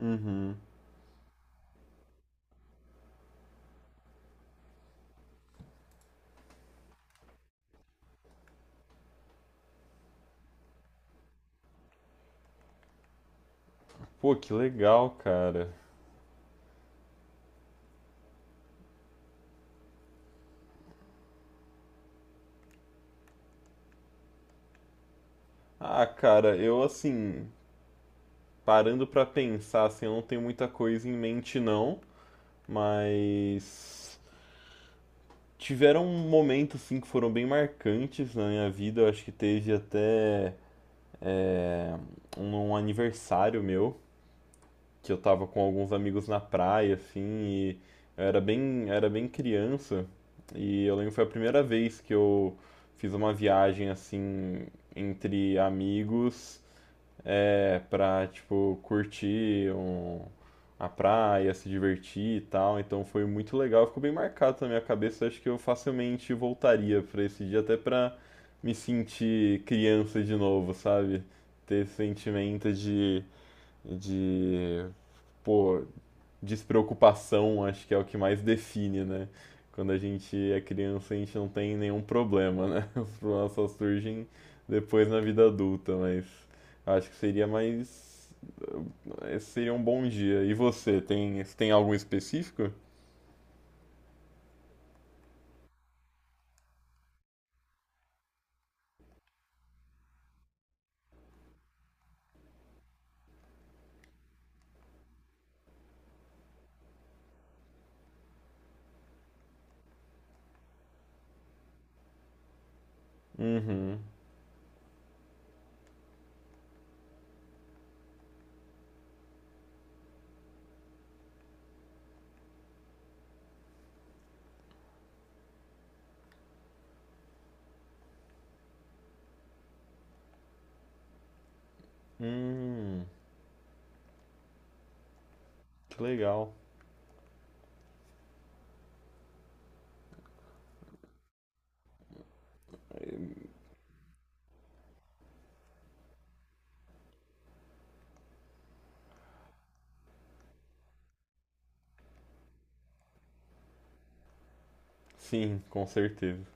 Uhum. Pô, que legal, cara. Ah, cara, eu assim, parando pra pensar, assim, eu não tenho muita coisa em mente não, mas tiveram momentos assim que foram bem marcantes na minha vida. Eu acho que teve até é, um aniversário meu, que eu tava com alguns amigos na praia, assim, e eu era bem criança, e eu lembro que foi a primeira vez que eu fiz uma viagem assim entre amigos. É, pra, tipo, curtir um, a praia, se divertir e tal. Então foi muito legal, ficou bem marcado na minha cabeça. Acho que eu facilmente voltaria pra esse dia, até pra me sentir criança de novo, sabe? Ter esse sentimento de, pô, despreocupação, acho que é o que mais define, né? Quando a gente é criança, a gente não tem nenhum problema, né? Os problemas só surgem depois na vida adulta, mas acho que seria mais. Esse seria um bom dia. E você, tem, tem algum específico? Uhum. Hum, que legal. Sim, com certeza.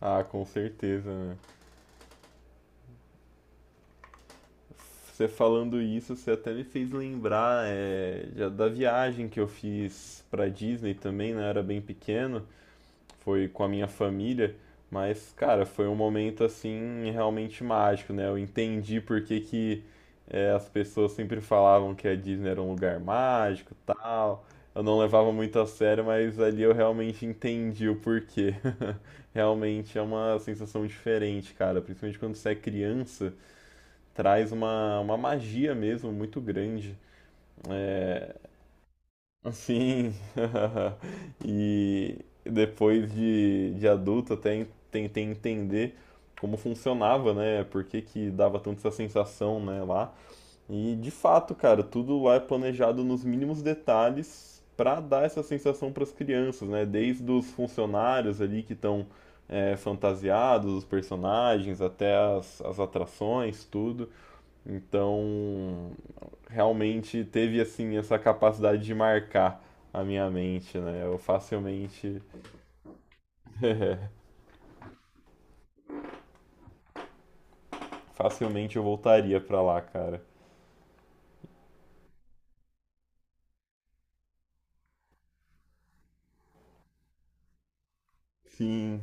Ah, com certeza, né? Você falando isso, você até me fez lembrar já da viagem que eu fiz pra Disney também, né? Eu era bem pequeno, foi com a minha família, mas, cara, foi um momento assim realmente mágico, né? Eu entendi por que que as pessoas sempre falavam que a Disney era um lugar mágico, tal. Eu não levava muito a sério, mas ali eu realmente entendi o porquê. Realmente é uma sensação diferente, cara, principalmente quando você é criança traz uma magia mesmo muito grande. É, assim, e depois de adulto até tentei entender como funcionava, né? Por que, que dava tanto essa sensação, né, lá. E de fato, cara, tudo lá é planejado nos mínimos detalhes para dar essa sensação para as crianças, né? Desde os funcionários ali que estão fantasiados, os personagens, até as, as atrações, tudo. Então, realmente teve assim essa capacidade de marcar a minha mente, né? Eu facilmente, facilmente eu voltaria pra lá, cara. Sim.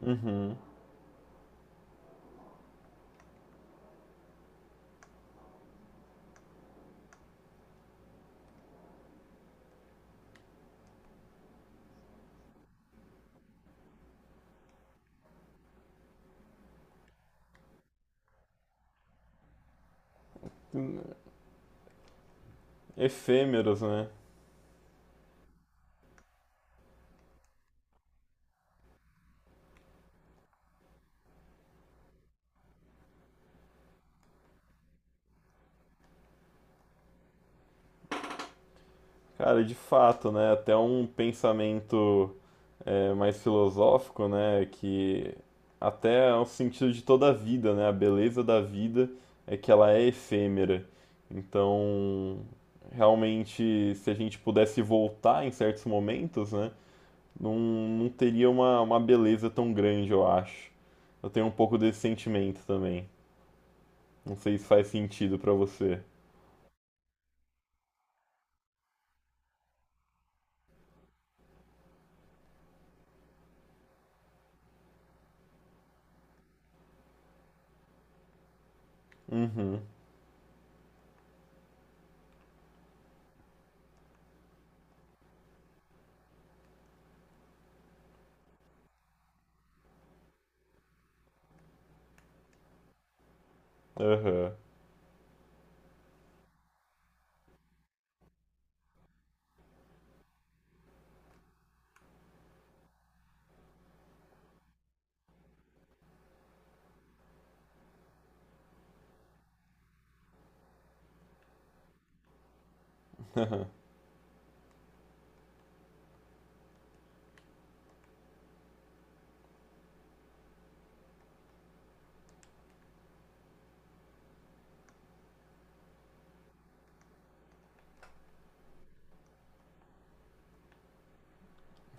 Uhum. Efêmeros, né? Cara, de fato, né? Até um pensamento mais filosófico, né? Que até é o sentido de toda a vida, né? A beleza da vida é que ela é efêmera. Então, realmente, se a gente pudesse voltar em certos momentos, né? Não, não teria uma beleza tão grande, eu acho. Eu tenho um pouco desse sentimento também. Não sei se faz sentido pra você. Uhum, aham.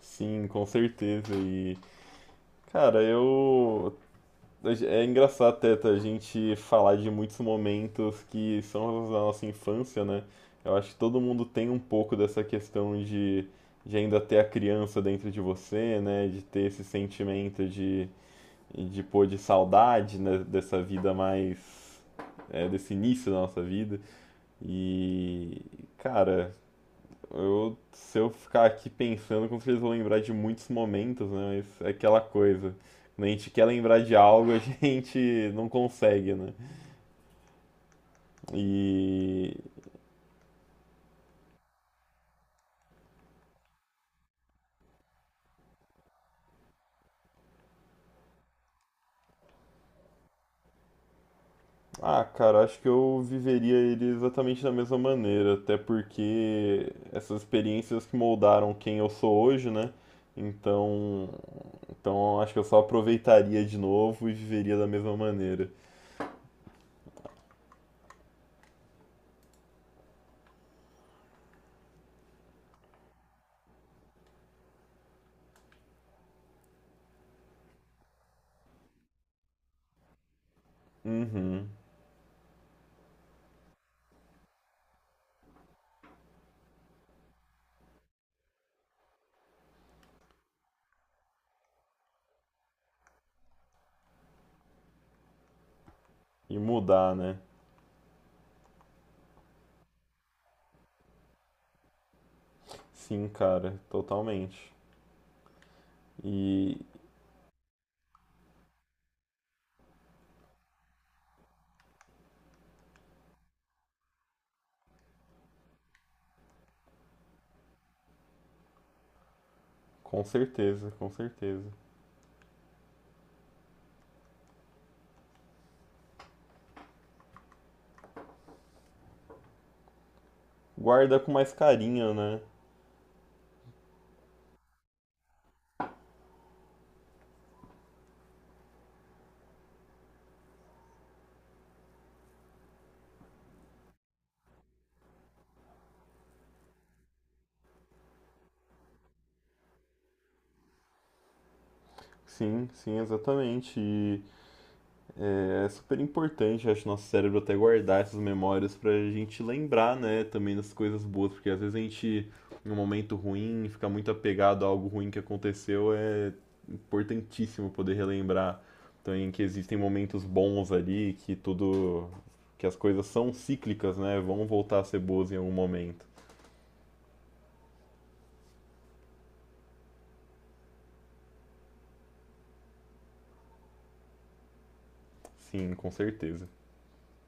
Sim, com certeza. E, cara, eu é engraçado até tá, a gente falar de muitos momentos que são relacionados à nossa infância, né? Eu acho que todo mundo tem um pouco dessa questão de ainda ter a criança dentro de você, né? De ter esse sentimento de pô, de saudade, né? Dessa vida mais. É, desse início da nossa vida. E, cara, eu, se eu ficar aqui pensando, com certeza eu vou lembrar de muitos momentos, né? Mas é aquela coisa. Quando a gente quer lembrar de algo, a gente não consegue, né? E. Ah, cara, acho que eu viveria ele exatamente da mesma maneira, até porque essas experiências que moldaram quem eu sou hoje, né? Então. Então acho que eu só aproveitaria de novo e viveria da mesma maneira. Uhum. E mudar, né? Sim, cara, totalmente. E, com certeza, com certeza. Guarda com mais carinho, né? Sim, sim, exatamente. E é super importante, acho, nosso cérebro até guardar essas memórias pra gente lembrar, né, também das coisas boas, porque às vezes a gente, em um momento ruim, fica muito apegado a algo ruim que aconteceu, é importantíssimo poder relembrar também que existem momentos bons ali, que tudo, que as coisas são cíclicas, né, vão voltar a ser boas em algum momento. Sim, com certeza.